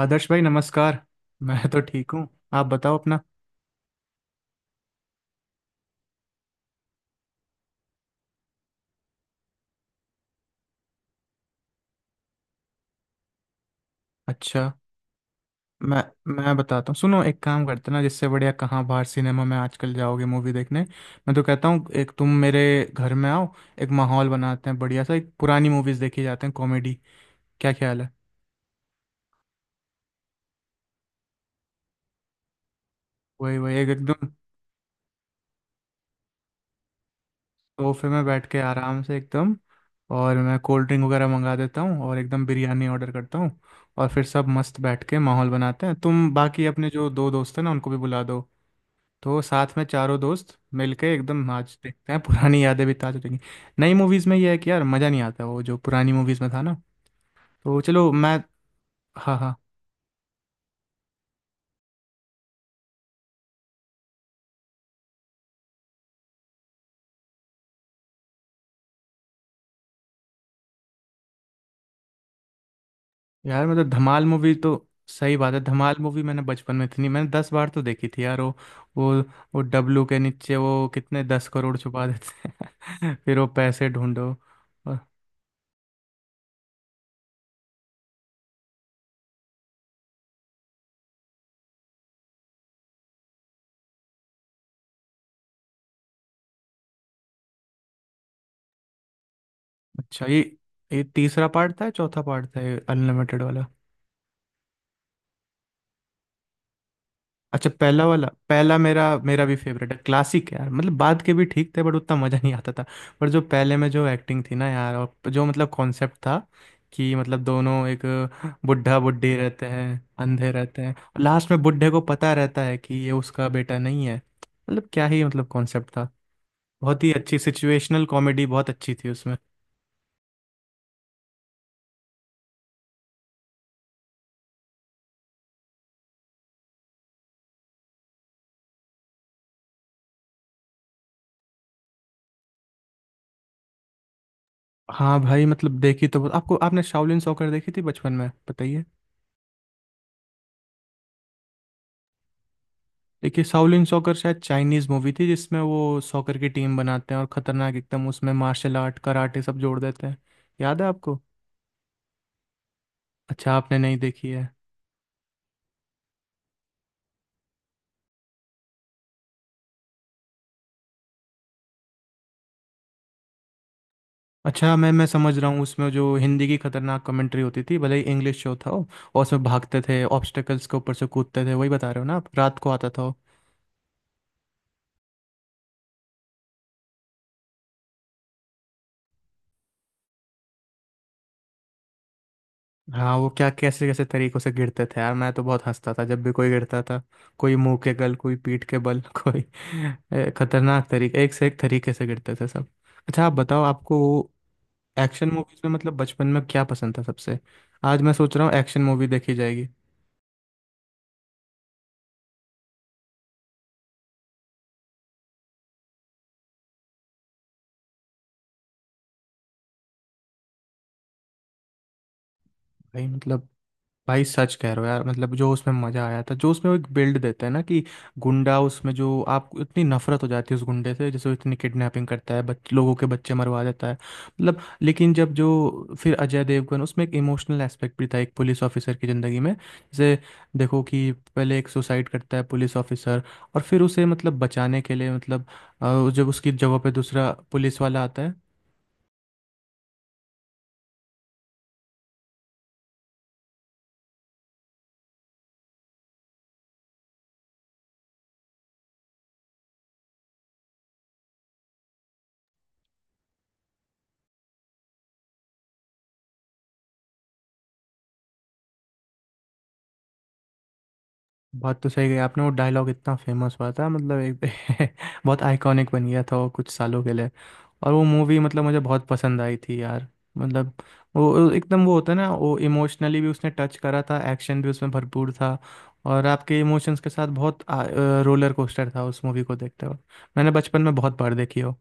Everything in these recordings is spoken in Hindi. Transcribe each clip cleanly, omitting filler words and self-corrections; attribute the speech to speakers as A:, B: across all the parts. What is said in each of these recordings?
A: आदर्श भाई नमस्कार। मैं तो ठीक हूँ। आप बताओ अपना। अच्छा, मैं मैं बताता हूँ, सुनो एक काम करते ना, जिससे बढ़िया। कहाँ बाहर सिनेमा में आजकल जाओगे मूवी देखने। मैं तो कहता हूँ एक तुम मेरे घर में आओ। एक माहौल बनाते हैं बढ़िया सा, एक पुरानी मूवीज देखी जाते हैं, कॉमेडी। क्या ख्याल है? वही वही एक एकदम सोफे में बैठ के आराम से एकदम। और मैं कोल्ड ड्रिंक वगैरह मंगा देता हूँ और एकदम बिरयानी ऑर्डर करता हूँ। और फिर सब मस्त बैठ के माहौल बनाते हैं। तुम बाकी अपने जो दो दोस्त हैं ना, उनको भी बुला दो। तो साथ में चारों दोस्त मिलके एकदम आज देखते हैं, पुरानी यादें भी ताज़ा हो जाएंगी। नई मूवीज़ में ये है कि यार मज़ा नहीं आता, वो जो पुरानी मूवीज़ में था ना। तो चलो मैं, हाँ हाँ, यार मतलब धमाल मूवी तो सही बात है। धमाल मूवी मैंने बचपन में इतनी, मैंने दस बार तो देखी थी यार वो। वो वो डब्लू के नीचे वो कितने दस करोड़ छुपा देते हैं फिर वो पैसे ढूंढो और-। अच्छा ये तीसरा पार्ट था या चौथा पार्ट था ये अनलिमिटेड वाला? अच्छा पहला वाला, पहला मेरा मेरा भी फेवरेट है, क्लासिक है यार। मतलब बाद के भी ठीक थे बट उतना मज़ा नहीं आता था। पर जो पहले में जो एक्टिंग थी ना यार, और जो मतलब कॉन्सेप्ट था कि मतलब दोनों एक बुढ़ा बुढ़ी रहते हैं, अंधे रहते हैं, और लास्ट में बुढ़े को पता रहता है कि ये उसका बेटा नहीं है। मतलब क्या ही मतलब कॉन्सेप्ट था। बहुत ही अच्छी सिचुएशनल कॉमेडी बहुत अच्छी थी उसमें। हाँ भाई, मतलब देखी तो, आपको आपने शाओलिन सॉकर देखी थी बचपन में, बताइए। देखिए शाओलिन सॉकर शायद चाइनीज मूवी थी, जिसमें वो सॉकर की टीम बनाते हैं और खतरनाक, एकदम उसमें मार्शल आर्ट कराटे सब जोड़ देते हैं। याद है आपको? अच्छा, आपने नहीं देखी है। अच्छा, मैं समझ रहा हूँ, उसमें जो हिंदी की खतरनाक कमेंट्री होती थी भले ही इंग्लिश शो था वो। और उसमें भागते थे, ऑब्स्टेकल्स के ऊपर से कूदते थे, वही बता रहे हो ना आप, रात को आता था वो। हाँ, वो क्या कैसे कैसे तरीकों से गिरते थे यार, मैं तो बहुत हंसता था जब भी कोई गिरता था। कोई मुंह के बल, कोई पीठ के बल कोई खतरनाक तरीके, एक से एक तरीके से गिरते थे सब। अच्छा आप बताओ, आपको एक्शन मूवीज में मतलब बचपन में क्या पसंद था सबसे? आज मैं सोच रहा हूँ एक्शन मूवी देखी जाएगी। भाई मतलब, भाई सच कह रहे हो यार। मतलब जो उसमें मज़ा आया था, जो उसमें वो एक बिल्ड देते हैं ना कि गुंडा उसमें, जो आपको इतनी नफरत हो जाती है उस गुंडे से, जैसे वो इतनी किडनैपिंग करता है, लोगों के बच्चे मरवा देता है मतलब। लेकिन जब जो फिर अजय देवगन, उसमें एक इमोशनल एस्पेक्ट भी था एक पुलिस ऑफिसर की ज़िंदगी में। जैसे देखो कि पहले एक सुसाइड करता है पुलिस ऑफिसर, और फिर उसे मतलब बचाने के लिए मतलब जब उसकी जगह पे दूसरा पुलिस वाला आता है। बात तो सही है आपने, वो डायलॉग इतना फेमस हुआ था मतलब एक बहुत आइकॉनिक बन गया था वो कुछ सालों के लिए। और वो मूवी मतलब मुझे बहुत पसंद आई थी यार। मतलब वो एकदम, वो होता है ना, वो इमोशनली भी उसने टच करा था, एक्शन भी उसमें भरपूर था। और आपके इमोशंस के साथ बहुत रोलर कोस्टर था उस मूवी को देखते वक्त। मैंने बचपन में बहुत बार देखी हो।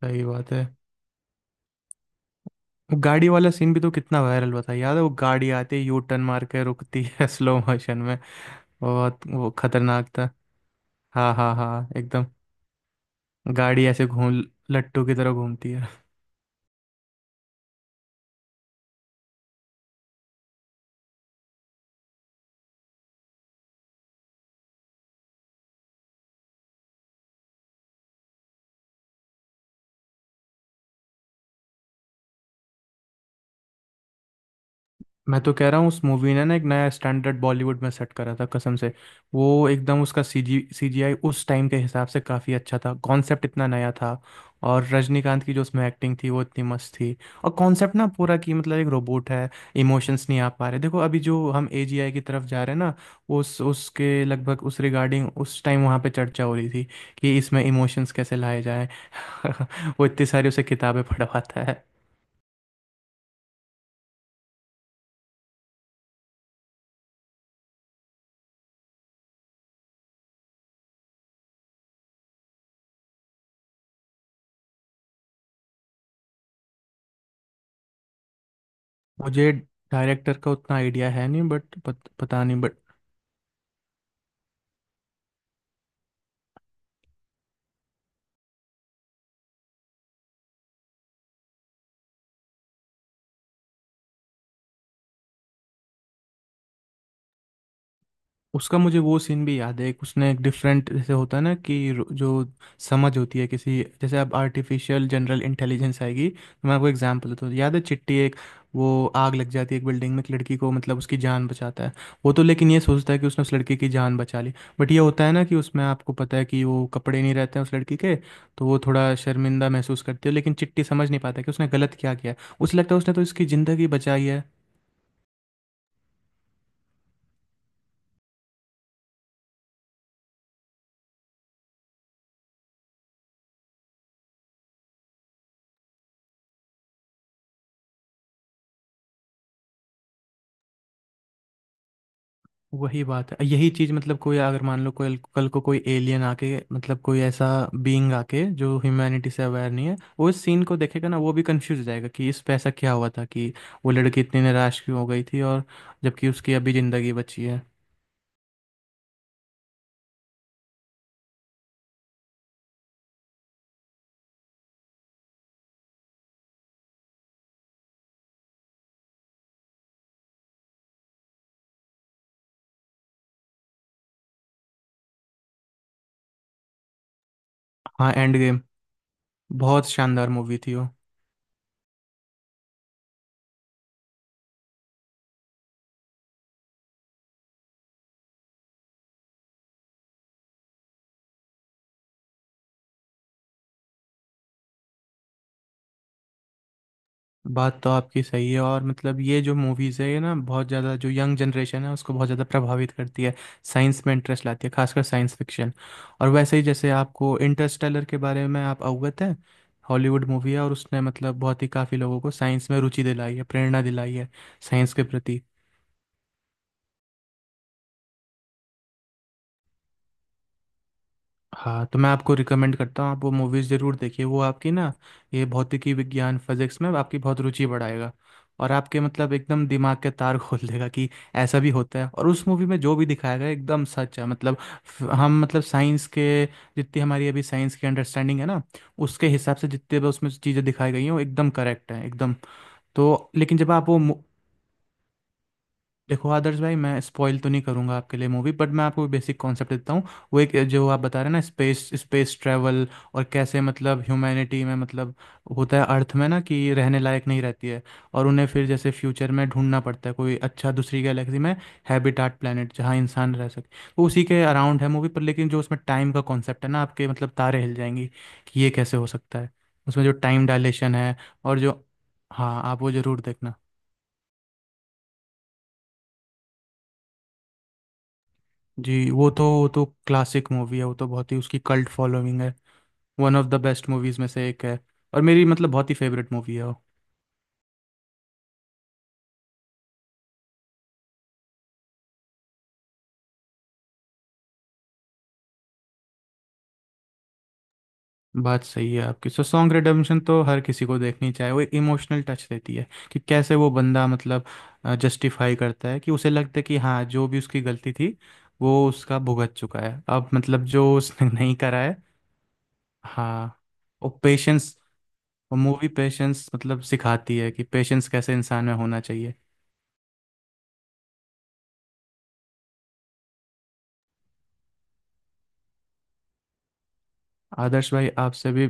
A: सही बात है, वो गाड़ी वाला सीन भी तो कितना वायरल हुआ था, याद है वो गाड़ी आती है यू टर्न मार के रुकती है स्लो मोशन में। बहुत वो खतरनाक था। हाँ हाँ हाँ एकदम, गाड़ी ऐसे घूम लट्टू की तरह घूमती है। मैं तो कह रहा हूँ उस मूवी ने ना एक नया स्टैंडर्ड बॉलीवुड में सेट करा था कसम से। वो एकदम उसका सीजी सीजीआई उस टाइम के हिसाब से काफ़ी अच्छा था, कॉन्सेप्ट इतना नया था। और रजनीकांत की जो उसमें एक्टिंग थी वो इतनी मस्त थी। और कॉन्सेप्ट ना पूरा कि मतलब एक रोबोट है, इमोशंस नहीं आ पा रहे। देखो अभी जो हम एजीआई की तरफ जा रहे हैं ना, उस उसके लगभग उस रिगार्डिंग उस टाइम वहाँ पे चर्चा हो रही थी कि इसमें इमोशंस कैसे लाए जाएं। वो इतनी सारी उसे किताबें पढ़वाता है। मुझे डायरेक्टर का उतना आइडिया है नहीं बट पता नहीं बट उसका मुझे वो सीन भी याद है। एक उसने एक डिफरेंट, जैसे होता है ना कि जो समझ होती है किसी, जैसे अब आर्टिफिशियल जनरल इंटेलिजेंस आएगी, तो मैं आपको एग्जांपल देता हूँ। याद है चिट्टी एक, वो आग लग जाती है एक बिल्डिंग में, एक लड़की को मतलब उसकी जान बचाता है। वो तो लेकिन ये सोचता है कि उसने उस लड़की की जान बचा ली। बट ये होता है ना कि उसमें आपको पता है कि वो कपड़े नहीं रहते हैं उस लड़की के। तो वो थोड़ा शर्मिंदा महसूस करती है, लेकिन चिट्टी समझ नहीं पाता कि उसने गलत क्या किया है। उसे लगता है उसने तो इसकी ज़िंदगी बचाई है। वही बात है, यही चीज मतलब कोई, अगर मान लो कोई कल को कोई एलियन आके, मतलब कोई ऐसा बीइंग आके जो ह्यूमैनिटी से अवेयर नहीं है, वो इस सीन को देखेगा ना, वो भी कंफ्यूज हो जाएगा कि इस पैसा क्या हुआ था, कि वो लड़की इतनी निराश क्यों हो गई थी और जबकि उसकी अभी जिंदगी बची है। हाँ, एंड गेम, बहुत शानदार मूवी थी वो। बात तो आपकी सही है, और मतलब ये जो मूवीज़ है ये ना बहुत ज़्यादा, जो यंग जनरेशन है उसको बहुत ज़्यादा प्रभावित करती है। साइंस में इंटरेस्ट लाती है, खासकर साइंस फिक्शन। और वैसे ही जैसे आपको इंटरस्टेलर के बारे में, आप अवगत हैं। हॉलीवुड मूवी है और उसने मतलब बहुत ही, काफ़ी लोगों को साइंस में रुचि दिलाई है, प्रेरणा दिलाई है साइंस के प्रति। हाँ, तो मैं आपको रिकमेंड करता हूँ, आप वो मूवीज़ ज़रूर देखिए। वो आपकी ना ये भौतिकी विज्ञान, फिजिक्स में आपकी बहुत रुचि बढ़ाएगा। और आपके मतलब एकदम दिमाग के तार खोल देगा कि ऐसा भी होता है। और उस मूवी में जो भी दिखाया गया है, एकदम सच है। मतलब हम मतलब साइंस के, जितनी हमारी अभी साइंस की अंडरस्टैंडिंग है ना, उसके हिसाब से जितने भी उसमें चीज़ें दिखाई गई हैं वो एकदम करेक्ट है, एकदम। तो लेकिन जब आप वो, देखो आदर्श भाई मैं स्पॉइल तो नहीं करूंगा आपके लिए मूवी, बट मैं आपको बेसिक कॉन्सेप्ट देता हूँ। वो एक जो आप बता रहे हैं ना, स्पेस स्पेस ट्रैवल, और कैसे मतलब ह्यूमैनिटी में मतलब होता है, अर्थ में ना कि रहने लायक नहीं रहती है। और उन्हें फिर जैसे फ्यूचर में ढूंढना पड़ता है कोई अच्छा दूसरी गैलेक्सी में हैबिटाट प्लानट, जहाँ इंसान रह सके। वो उसी के अराउंड है मूवी। पर लेकिन जो उसमें टाइम का कॉन्सेप्ट है ना, आपके मतलब तारे हिल जाएंगी कि ये कैसे हो सकता है। उसमें जो टाइम डायलेशन है, और जो, हाँ आप वो ज़रूर देखना। जी वो तो, वो तो क्लासिक मूवी है, वो तो बहुत ही उसकी कल्ट फॉलोइंग है। One of the best movies में से एक है। और मेरी मतलब बहुत ही फेवरेट मूवी है वो। बात सही है आपकी, सो सॉन्ग रिडेम्पशन तो हर किसी को देखनी चाहिए, वो एक इमोशनल टच देती है कि कैसे वो बंदा मतलब जस्टिफाई करता है, कि उसे लगता है कि हाँ जो भी उसकी गलती थी वो उसका भुगत चुका है अब, मतलब जो उसने नहीं करा है। हाँ, वो पेशेंस, वो मूवी पेशेंस मतलब सिखाती है कि पेशेंस कैसे इंसान में होना चाहिए। आदर्श भाई आपसे भी,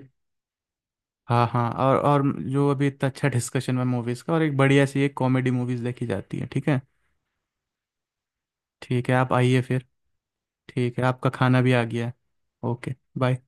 A: हाँ हाँ, और जो अभी इतना अच्छा डिस्कशन है मूवीज़ का, और एक बढ़िया सी एक कॉमेडी मूवीज़ देखी जाती है, ठीक है। ठीक है, आप आइए फिर। ठीक है, आपका खाना भी आ गया है। Okay bye.